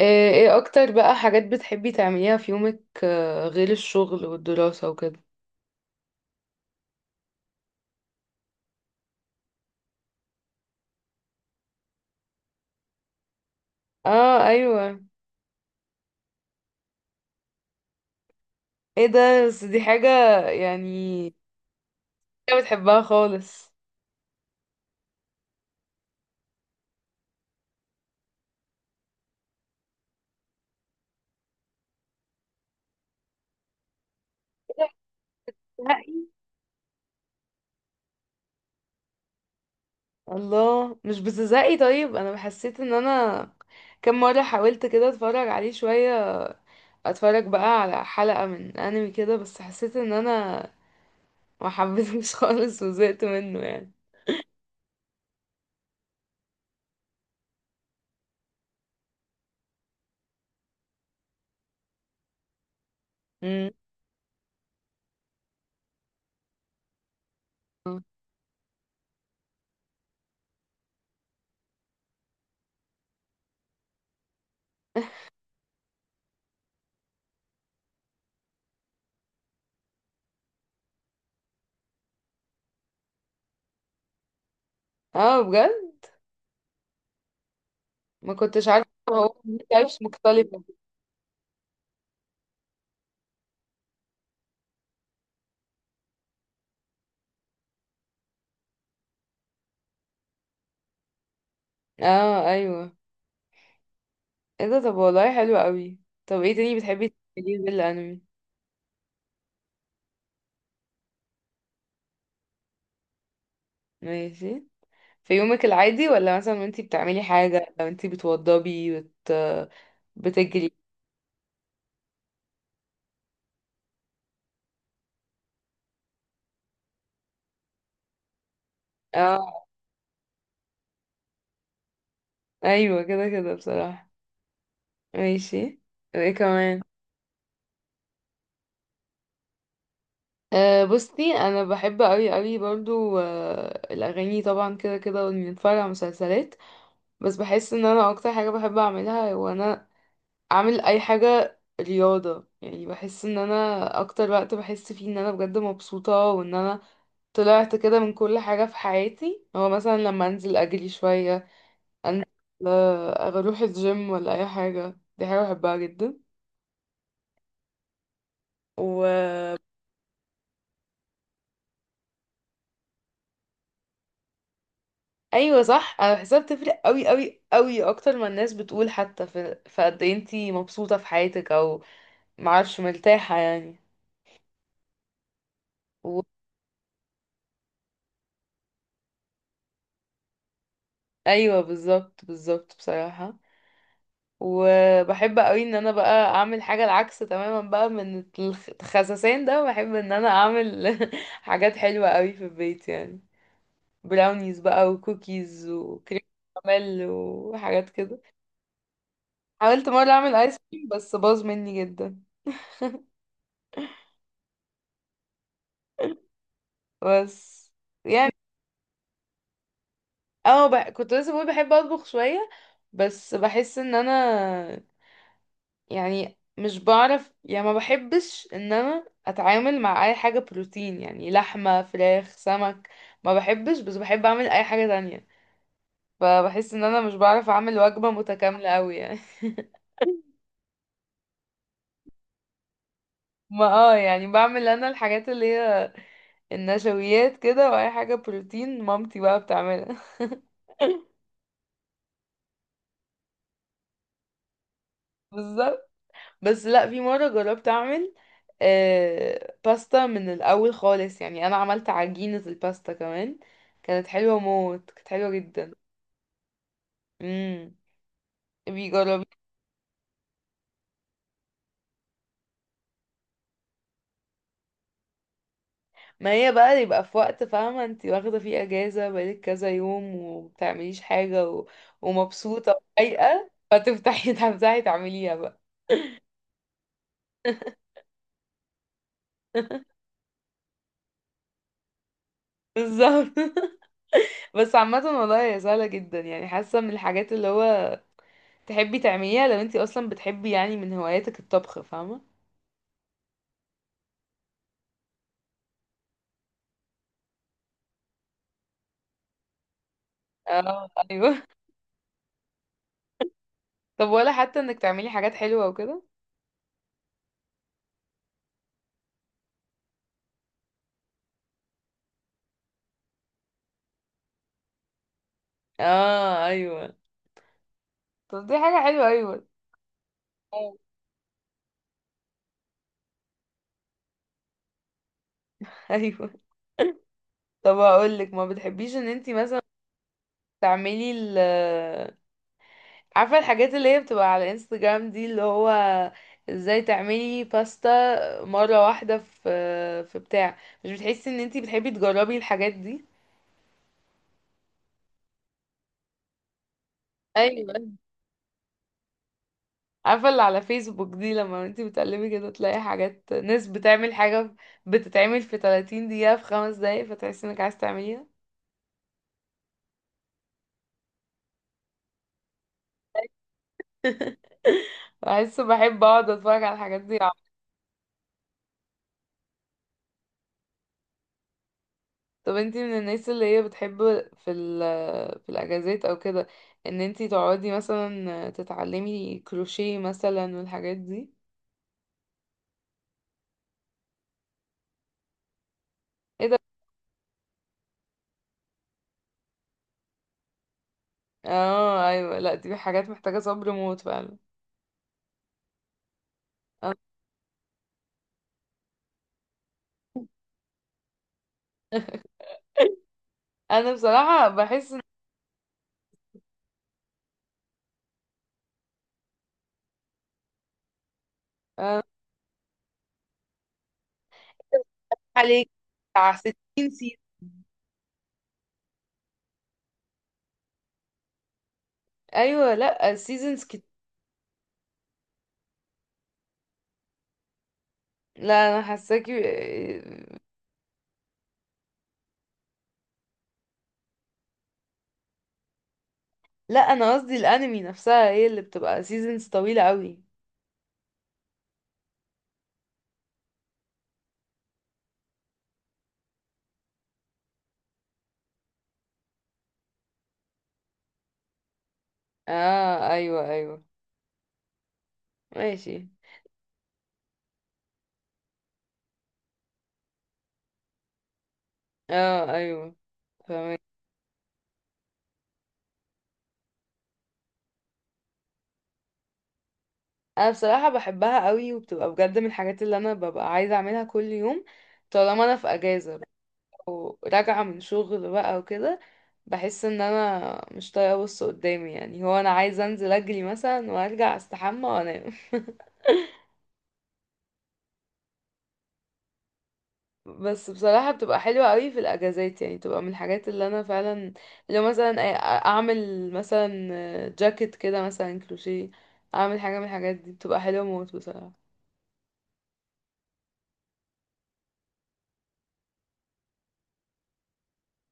آه. ايه اكتر بقى حاجات بتحبي تعمليها في يومك غير الشغل والدراسة وكده؟ اه ايوه. ايه ده؟ بس دي حاجة يعني، حاجة بتحبها خالص؟ زهقي؟ الله، مش بتزهقي؟ طيب انا حسيت ان انا كم مرة حاولت كده اتفرج عليه شوية، اتفرج بقى على حلقة من انمي كده بس حسيت ان انا ما حبيتهوش خالص وزهقت منه يعني. مم. اه بجد؟ ما كنتش عارفة هو ليه types مختلفة. اه ايوه. ايه ده؟ طب والله حلو قوي. طب ايه تاني بتحبي تعمليه غير الانمي؟ ماشي. في يومك العادي ولا مثلا وانتي بتعملي حاجة، لو انتي بتوضبي بتجري؟ اه ايوه، كده كده بصراحة. ماشي. ايه كمان؟ أه بصي، انا بحب قوي قوي برضو الاغاني طبعا كده كده، واني اتفرج على مسلسلات. بس بحس ان انا اكتر حاجة بحب اعملها وانا اعمل اي حاجة رياضة، يعني بحس ان انا اكتر وقت بحس فيه ان انا بجد مبسوطة وان انا طلعت كده من كل حاجة في حياتي، هو مثلا لما انزل اجري شوية، انزل اروح الجيم ولا اي حاجة، دي حاجة بحبها جدا. وايوه، صح، انا بحسها بتفرق قوي قوي قوي اكتر ما الناس بتقول، حتى في قد إيه انتي مبسوطة في حياتك او معرفش مرتاحة يعني. و... ايوه بالظبط، بالظبط بصراحة. وبحب قوي ان انا بقى اعمل حاجة العكس تماما بقى، من الخساسين ده بحب ان انا اعمل حاجات حلوة قوي في البيت يعني، براونيز بقى وكوكيز وكريم كراميل وحاجات كده. حاولت مرة اعمل ايس كريم بس باظ مني جدا. بس يعني، اه كنت لسه بقول بحب اطبخ شوية، بس بحس ان انا يعني مش بعرف، يعني ما بحبش ان انا اتعامل مع اي حاجة بروتين، يعني لحمة فراخ سمك ما بحبش، بس بحب اعمل اي حاجة تانية. فبحس ان انا مش بعرف اعمل وجبة متكاملة قوي يعني. ما يعني بعمل انا الحاجات اللي هي النشويات كده، واي حاجة بروتين مامتي بقى بتعملها. بالظبط. بس لا، في مرة جربت اعمل باستا من الاول خالص، يعني انا عملت عجينة الباستا كمان، كانت حلوة موت، كانت حلوة جدا. مم. بيجربي. ما هي بقى يبقى في وقت فاهمة، انت واخدة فيه اجازة بقالك كذا يوم ومبتعمليش حاجة ومبسوطة ورايقة، فتفتحي تفتحي تعمليها بقى. بالظبط. بس عامة والله هي سهلة جدا يعني، حاسة من الحاجات اللي هو تحبي تعمليها لو انتي اصلا بتحبي، يعني من هواياتك الطبخ فاهمة. اه ايوه. طب ولا حتى انك تعملي حاجات حلوة وكده؟ اه ايوه، طب دي حاجة حلوة، ايوه. اه. ايوه. طب هقولك، ما بتحبيش ان انتي مثلا تعملي عارفة الحاجات اللي هي بتبقى على انستجرام دي، اللي هو ازاي تعملي باستا مرة واحدة في بتاع، مش بتحسي ان انتي بتحبي تجربي الحاجات دي؟ ايوه، عارفة اللي على فيسبوك دي، لما انتي بتقلبي كده تلاقي حاجات ناس بتعمل حاجة بتتعمل في 30 دقيقة، في 5 دقايق، فتحسي انك عايز تعمليها. بحس، بحب اقعد اتفرج على الحاجات دي. طب انتي من الناس اللي هي بتحب في ال في الاجازات او كده ان انتي تقعدي مثلا تتعلمي كروشيه مثلا والحاجات دي؟ ايه ده. اه ايوه، لا دي حاجات محتاجة صبر موت فعلا. انا انا بصراحة بحس ان اه، عليك بتاع 60 سيزون، ايوه، لا سيزونز لا انا حاساكي. لا انا قصدي الانمي نفسها هي اللي بتبقى سيزونز طويلة قوي. اه ايوه ايوه. ماشي. اه ايوه، فاهمك. انا بصراحة بحبها قوي، وبتبقى بجد من الحاجات اللي انا ببقى عايزة اعملها كل يوم، طالما انا في اجازة او راجعة من شغل بقى وكده، بحس ان انا مش طايقة ابص قدامي، يعني هو انا عايزة انزل اجري مثلا وارجع استحمى وانام بس بصراحة بتبقى حلوة قوي في الأجازات، يعني بتبقى من الحاجات اللي أنا فعلا، لو مثلا أعمل مثلا جاكيت كده مثلا كروشيه، أعمل حاجة من الحاجات دي بتبقى حلوة موت بصراحة.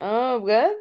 اه بجد.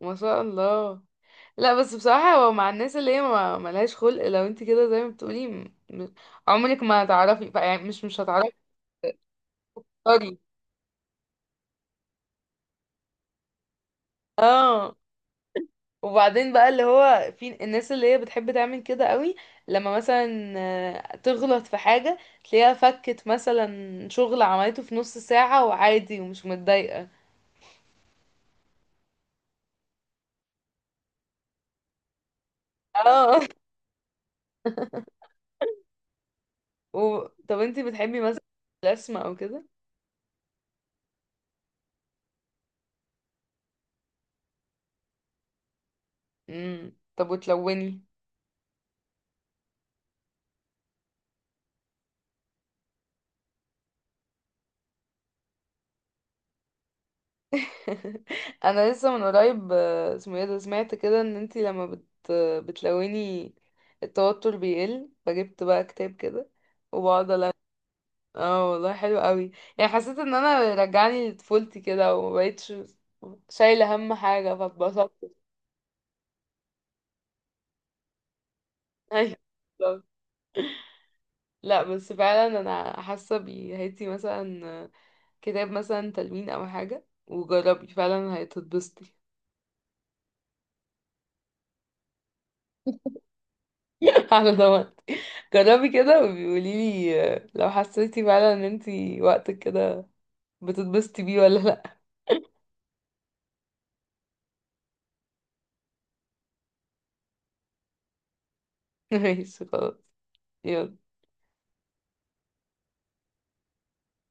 ما شاء الله. لا بس بصراحة، هو مع الناس اللي هي ما ملهاش خلق لو انت كده زي ما بتقولي، عمرك ما هتعرفي يعني مش هتعرفي تختاري. اه، وبعدين بقى اللي هو في الناس اللي هي بتحب تعمل كده قوي، لما مثلا تغلط في حاجة تلاقيها فكت مثلا شغل عملته في نص ساعة وعادي ومش متضايقة. اه. و... طب انت بتحبي مثلا الرسم او كده؟ طب وتلوني؟ انا لسه من قريب اسمه ايه ده، سمعت كده ان انتي لما بتلوني التوتر بيقل، فجبت بقى كتاب كده وبقعد الون. اه والله حلو قوي، يعني حسيت ان انا رجعني لطفولتي كده ومبقتش شايله هم حاجه، فاتبسطت ايوه بالظبط. لا بس فعلا انا حاسه بيه، هاتي مثلا كتاب مثلا تلوين او حاجه وجربي فعلا هتتبسطي. على ضمانتي. جربي كده وبيقولي لي، لو حسيتي فعلا ان انتي وقتك كده بتتبسطي بيه ولا لا. ماشي خلاص. يلا.